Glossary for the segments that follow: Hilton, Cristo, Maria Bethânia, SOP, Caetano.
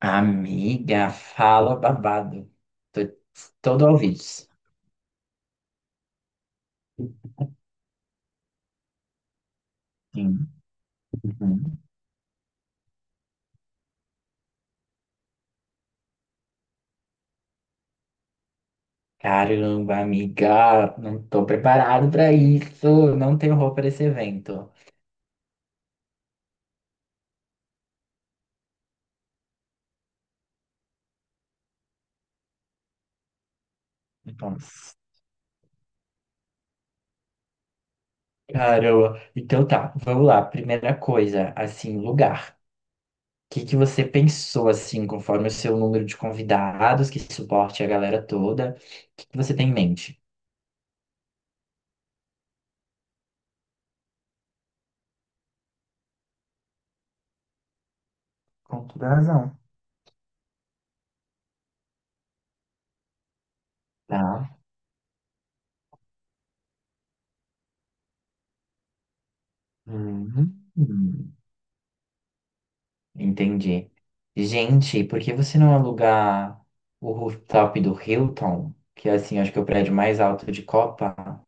Amiga, fala babado. Tô todo ouvidos. Sim. Uhum. Caramba, amiga, não tô preparado pra isso. Não tenho roupa pra esse evento. Então, caramba. Então tá, vamos lá. Primeira coisa, assim, lugar. O que que você pensou, assim, conforme o seu número de convidados, que suporte a galera toda? O que que você tem em mente? Com toda razão. Tá. Uhum. Entendi. Gente, por que você não alugar o rooftop do Hilton? Que é assim, acho que é o prédio mais alto de Copa.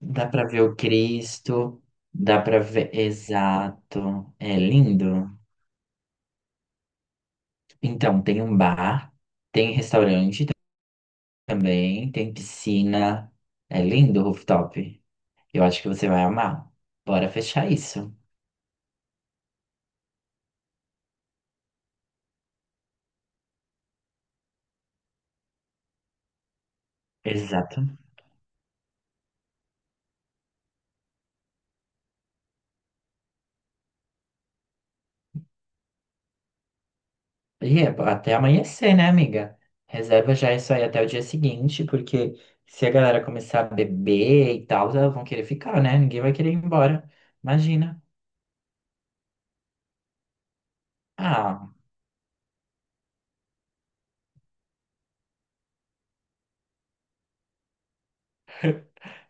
Dá pra ver o Cristo, dá pra ver. Exato. É lindo. Então, tem um bar, tem restaurante também, tem piscina. É lindo o rooftop. Eu acho que você vai amar. Bora fechar isso. Exato. E é até amanhecer, né, amiga? Reserva já isso aí até o dia seguinte, porque se a galera começar a beber e tal, elas vão querer ficar, né? Ninguém vai querer ir embora. Imagina. Ah,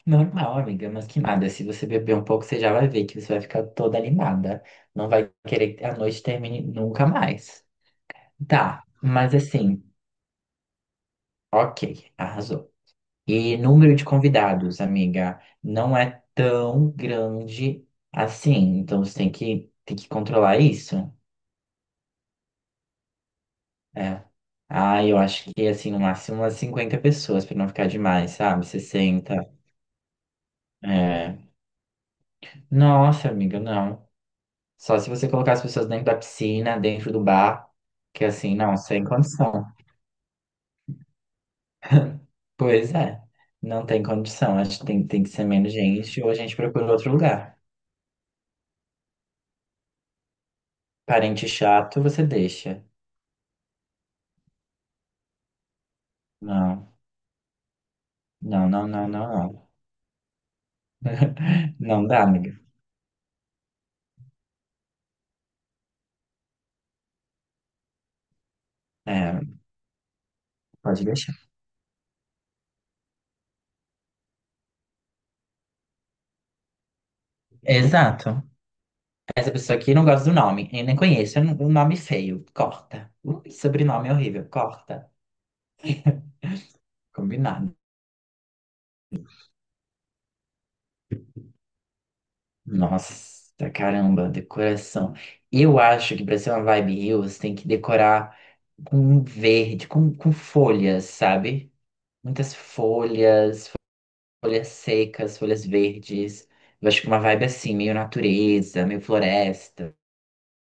normal, amiga, mas que nada. Se você beber um pouco, você já vai ver que você vai ficar toda animada. Não vai querer que a noite termine nunca mais. Tá, mas assim, ok, arrasou. E número de convidados, amiga, não é tão grande assim. Então você tem que controlar isso. É. Ah, eu acho que assim, no máximo umas 50 pessoas, pra não ficar demais, sabe? 60. É. Nossa, amiga, não. Só se você colocar as pessoas dentro da piscina, dentro do bar, que assim, não, sem condição. Pois é, não tem condição. Acho que tem que ser menos gente ou a gente procura outro lugar. Parente chato, você deixa. Não. Não, não, não, não, não. Não dá, amiga. É, pode deixar. Exato. Essa pessoa aqui não gosta do nome, eu nem conheço, é um nome feio. Corta. Ui, sobrenome horrível. Corta. Combinado. Nossa, caramba, decoração. Eu acho que pra ser uma vibe Hills tem que decorar com verde, com folhas, sabe? Muitas folhas, folhas secas, folhas verdes. Eu acho que uma vibe assim, meio natureza, meio floresta,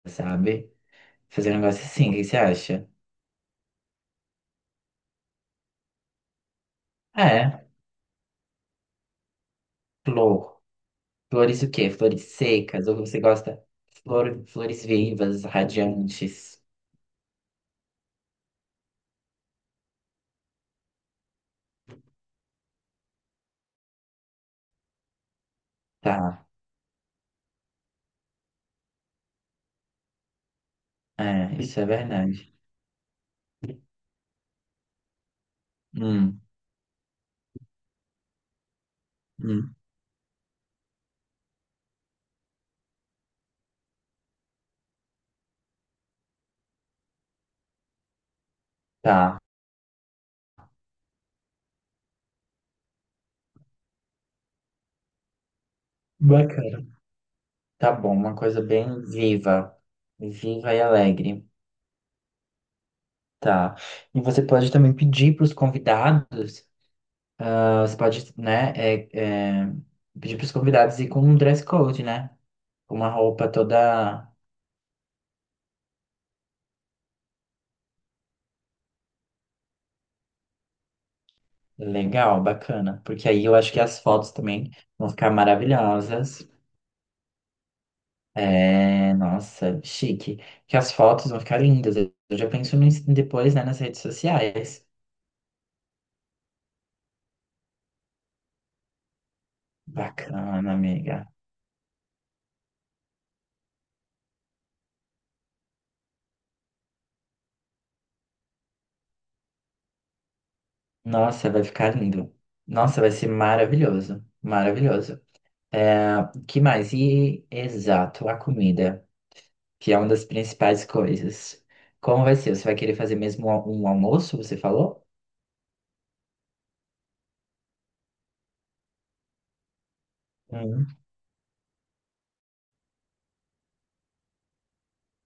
sabe? Fazer um negócio assim, o que você acha? Ah, é, flor. Flores o quê? Flores secas? Ou você gosta? Flor, flores vivas, radiantes. Tá, é, isso é verdade. Hum, hum, tá, bacana. Tá bom, uma coisa bem viva. Viva e alegre. Tá. E você pode também pedir para os convidados, ah, você pode, né, pedir para os convidados ir com um dress code, né? Com uma roupa toda. Legal, bacana. Porque aí eu acho que as fotos também vão ficar maravilhosas. É, nossa, chique. Que as fotos vão ficar lindas. Eu já penso no, depois, né, nas redes sociais. Bacana, amiga. Nossa, vai ficar lindo. Nossa, vai ser maravilhoso. Maravilhoso. É, que mais? E exato, a comida, que é uma das principais coisas. Como vai ser? Você vai querer fazer mesmo um almoço, você falou? Hum,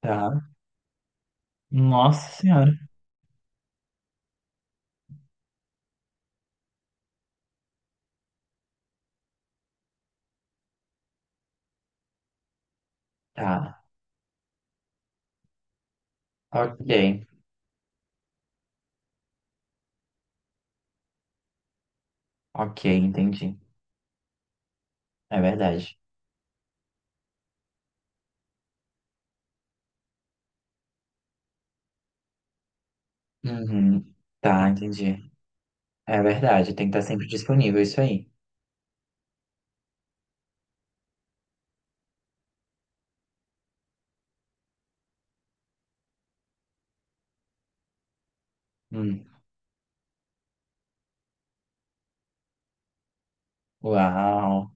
tá. Nossa senhora. Tá. Ok, ok, entendi. É verdade. Uhum. Tá, entendi. É verdade, tem que estar sempre disponível isso aí. Hum. Uau!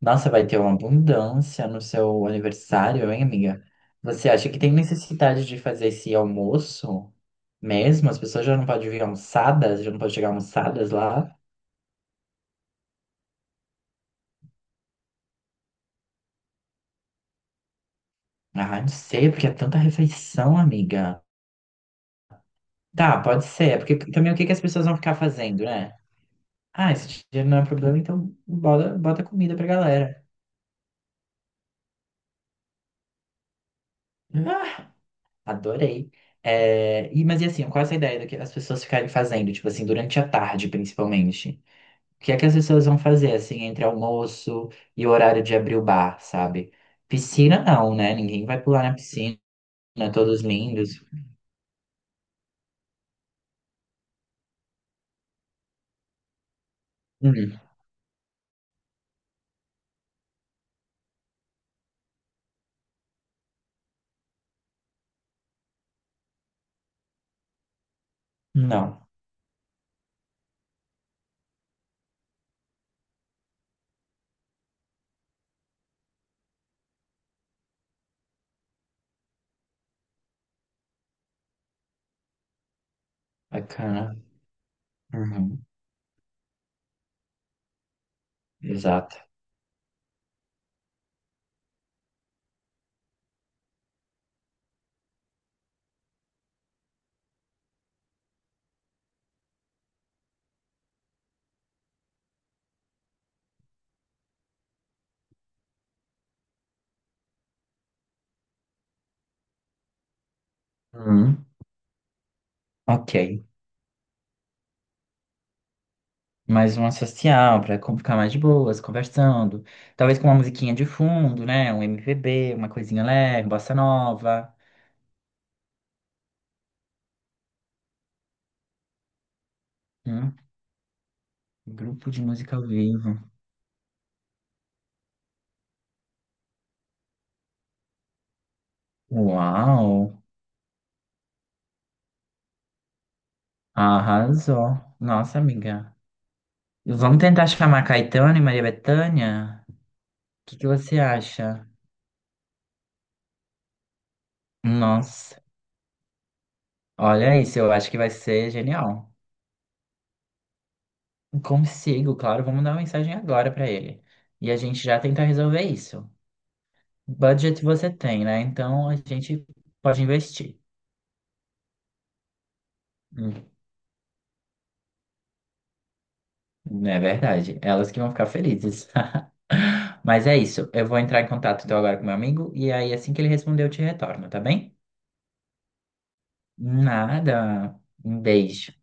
Nossa, vai ter uma abundância no seu aniversário, hein, amiga? Você acha que tem necessidade de fazer esse almoço mesmo? As pessoas já não podem vir almoçadas, já não podem chegar almoçadas lá? Ah, não sei, porque é tanta refeição, amiga. Tá, pode ser, porque também o que que as pessoas vão ficar fazendo, né? Ah, esse dinheiro não é um problema, então bota, bota comida pra galera. Ah, adorei. É, e, mas e assim, qual é essa ideia do que as pessoas ficarem fazendo, tipo assim, durante a tarde, principalmente? O que é que as pessoas vão fazer, assim, entre almoço e o horário de abrir o bar, sabe? Piscina não, né? Ninguém vai pular na piscina, todos lindos. Hum, não, bacana. Uhum, exato. Hum, ok. Mais uma social, pra ficar mais de boas, conversando. Talvez com uma musiquinha de fundo, né? Um MPB, uma coisinha leve, bossa nova. Hum, grupo de música ao vivo. Uau! Arrasou. Nossa, amiga. Vamos tentar chamar Caetano e Maria Bethânia? O que que você acha? Nossa, olha isso, eu acho que vai ser genial. Consigo, claro, vou mandar uma mensagem agora pra ele. E a gente já tentar resolver isso. Budget você tem, né? Então a gente pode investir. Hum. Não é verdade. Elas que vão ficar felizes. Mas é isso. Eu vou entrar em contato então agora com meu amigo e aí assim que ele responder eu te retorno, tá bem? Nada. Um beijo.